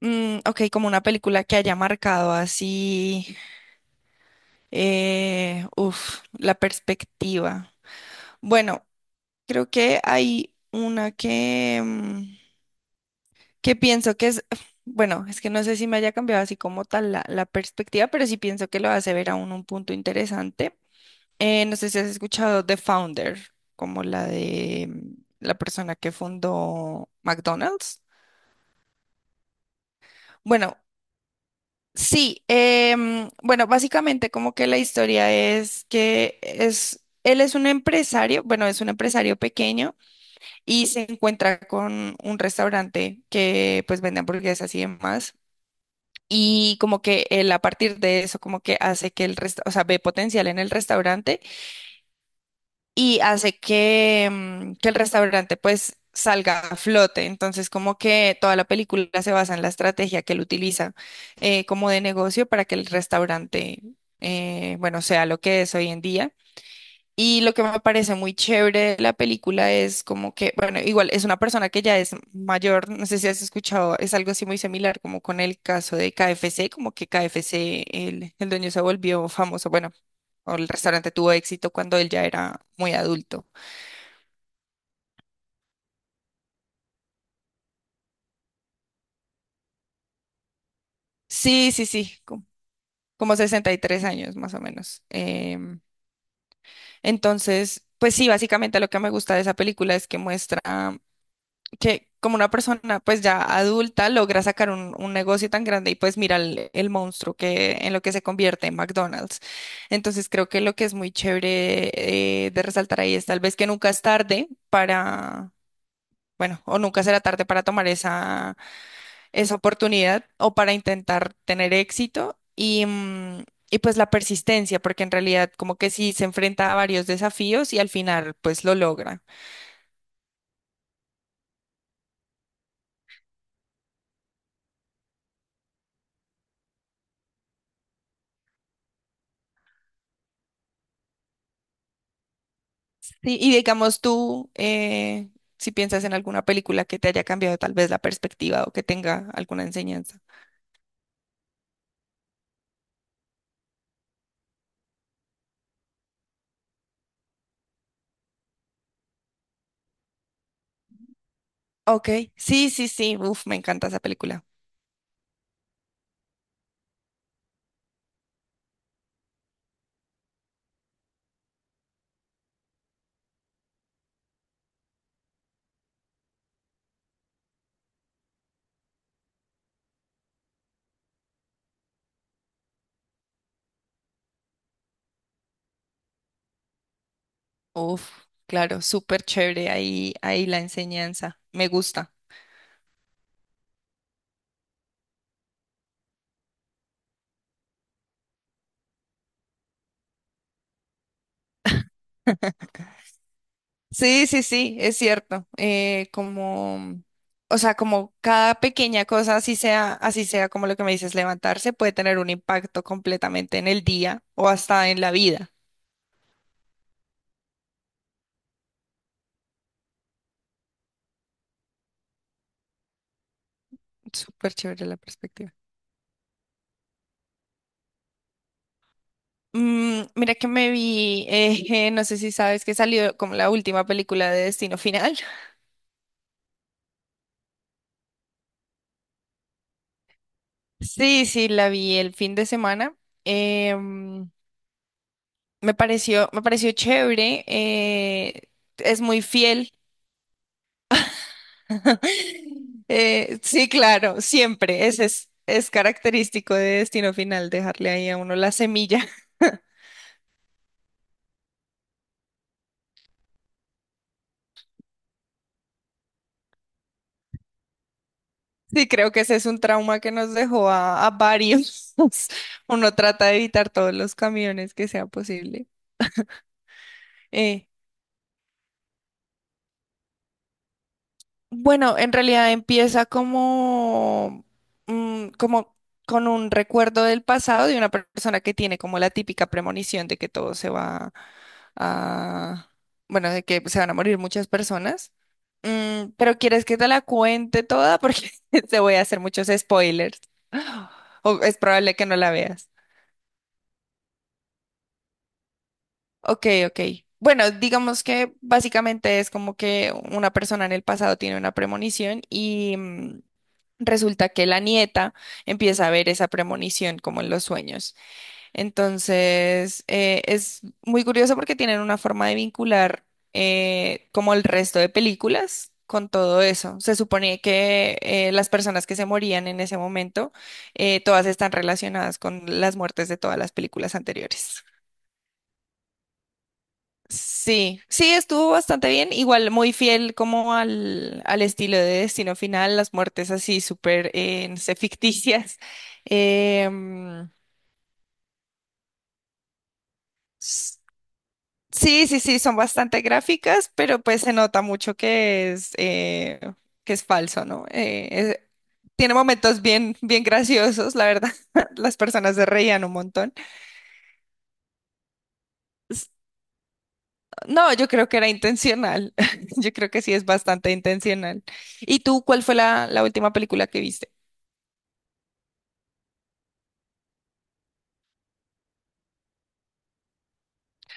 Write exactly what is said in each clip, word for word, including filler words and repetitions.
Mm, ok, como una película que haya marcado así, eh, uf, la perspectiva. Bueno, creo que hay una que, mm, que pienso que es, bueno, es que no sé si me haya cambiado así como tal la, la perspectiva, pero sí pienso que lo hace ver a uno un punto interesante. Eh, no sé si has escuchado The Founder, como la de mm, la persona que fundó McDonald's. Bueno, sí, em, bueno, básicamente como que la historia es que es, él es un empresario, bueno, es un empresario pequeño y se encuentra con un restaurante que pues vende hamburguesas y demás. Y como que él a partir de eso como que hace que el resta- o sea, ve potencial en el restaurante y hace que, mm, que el restaurante pues salga a flote. Entonces, como que toda la película se basa en la estrategia que él utiliza, eh, como de negocio para que el restaurante, eh, bueno, sea lo que es hoy en día. Y lo que me parece muy chévere de la película es como que, bueno, igual es una persona que ya es mayor, no sé si has escuchado, es algo así muy similar como con el caso de K F C, como que K F C, el, el dueño se volvió famoso, bueno, o el restaurante tuvo éxito cuando él ya era muy adulto. Sí, sí, sí, co- como sesenta y tres años más o menos. Em, entonces, pues sí, básicamente lo que me gusta de esa película es que muestra que como una persona pues ya adulta logra sacar un, un negocio tan grande y pues mira el, el monstruo que en lo que se convierte en McDonald's. Entonces creo que lo que es muy chévere, eh, de resaltar ahí es tal vez que nunca es tarde para, bueno, o nunca será tarde para tomar esa, esa oportunidad o para intentar tener éxito y, mm, y pues la persistencia, porque en realidad como que sí se enfrenta a varios desafíos y al final pues lo logra. Sí, y digamos tú, eh, si piensas en alguna película que te haya cambiado tal vez la perspectiva o que tenga alguna enseñanza. Ok, sí, sí, sí, uf, me encanta esa película. Uf, claro, súper chévere ahí, ahí la enseñanza, me gusta. Sí, sí, sí, es cierto. Eh, como, o sea, como cada pequeña cosa, así sea, así sea como lo que me dices, levantarse, puede tener un impacto completamente en el día o hasta en la vida. Súper chévere la perspectiva. Mm, mira que me vi, eh, eh, no sé si sabes que salió como la última película de Destino Final. Sí, sí, la vi el fin de semana. Em, me pareció, me pareció chévere. Eh, es muy fiel. Eh, sí, claro, siempre. Ese es, es característico de Destino Final, dejarle ahí a uno la semilla. Sí, creo que ese es un trauma que nos dejó a, a varios. Uno trata de evitar todos los camiones que sea posible. Eh, Bueno, en realidad empieza como, mm, como con un recuerdo del pasado de una persona que tiene como la típica premonición de que todo se va a, bueno, de que se van a morir muchas personas. Mm, pero ¿quieres que te la cuente toda? Porque te voy a hacer muchos spoilers. O es probable que no la veas. Ok, ok. Bueno, digamos que básicamente es como que una persona en el pasado tiene una premonición y mm, resulta que la nieta empieza a ver esa premonición como en los sueños. Entonces, eh, es muy curioso porque tienen una forma de vincular, eh, como el resto de películas con todo eso. Se supone que eh, las personas que se morían en ese momento, eh, todas están relacionadas con las muertes de todas las películas anteriores. Sí, sí, estuvo bastante bien, igual muy fiel como al, al estilo de Destino Final, las muertes así súper, eh, no sé, ficticias. Em, s- sí, sí, sí, son bastante gráficas, pero pues se nota mucho que es, eh, que es falso, ¿no? Eh, es- tiene momentos bien, bien graciosos, la verdad, las personas se reían un montón. No, yo creo que era intencional. Yo creo que sí es bastante intencional. ¿Y tú cuál fue la, la última película que viste?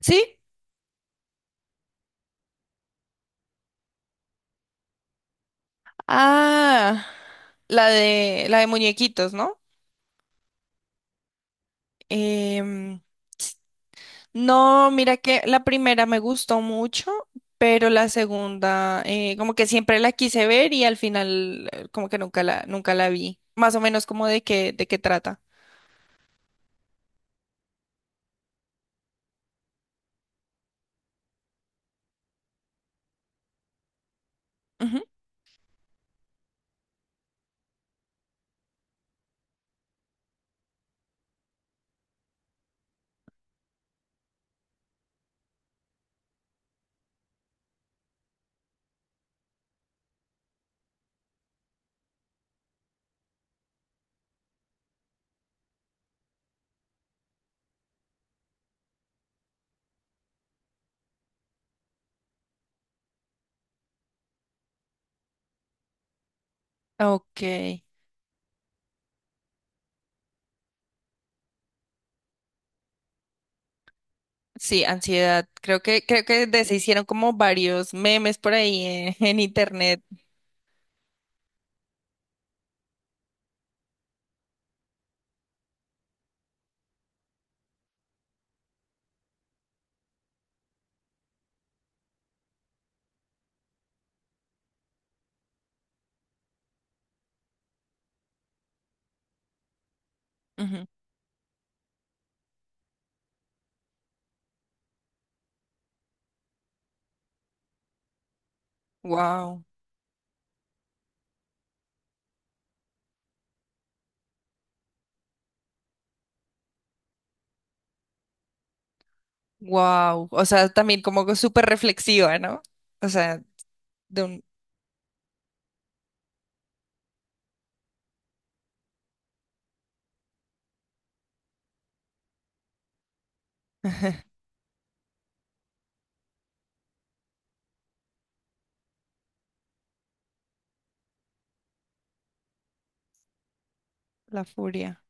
¿Sí? Ah, la de la de muñequitos, ¿no? Em, no, mira que la primera me gustó mucho, pero la segunda, eh, como que siempre la quise ver y al final eh, como que nunca la, nunca la vi. Más o menos como de qué, de qué trata. Ujú. Ok. Sí, ansiedad. Creo que, creo que de se hicieron como varios memes por ahí en, en internet. Wow, wow. O sea, también como que súper reflexiva, ¿no? O sea, de un... La furia.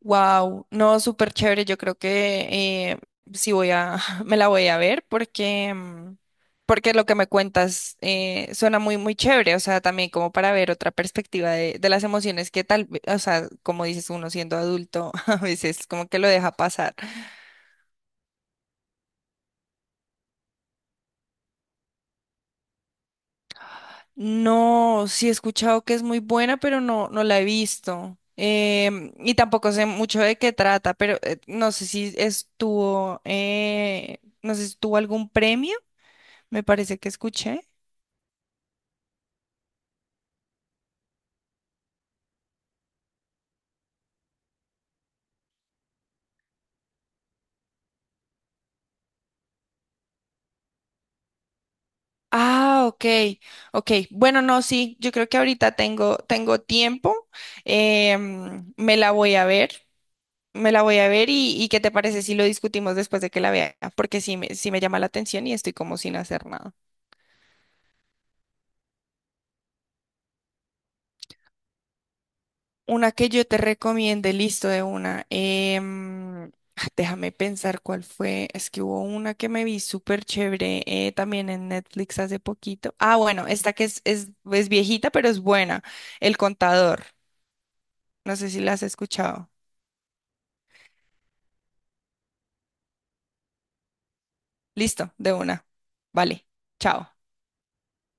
Wow, no, súper chévere. Yo creo que eh, sí voy a, me la voy a ver porque, mm, porque lo que me cuentas eh, suena muy, muy chévere. O sea, también como para ver otra perspectiva de, de las emociones que tal, ve- o sea, como dices uno siendo adulto, a veces como que lo deja pasar. No, sí he escuchado que es muy buena, pero no, no la he visto. Em, y tampoco sé mucho de qué trata, pero eh, no sé si estuvo, eh, no sé si tuvo algún premio. Me parece que escuché. Ah, ok, ok. Bueno, no, sí, yo creo que ahorita tengo, tengo tiempo. Em, me la voy a ver, me la voy a ver y, y ¿qué te parece si lo discutimos después de que la vea? Porque sí me, sí me llama la atención y estoy como sin hacer nada. Una que yo te recomiende, listo de una. Em, ah, déjame pensar cuál fue. Es que hubo una que me vi súper chévere, eh, también en Netflix hace poquito. Ah, bueno, esta que es, es, es viejita, pero es buena. El contador. No sé si la has escuchado. Listo, de una. Vale, chao.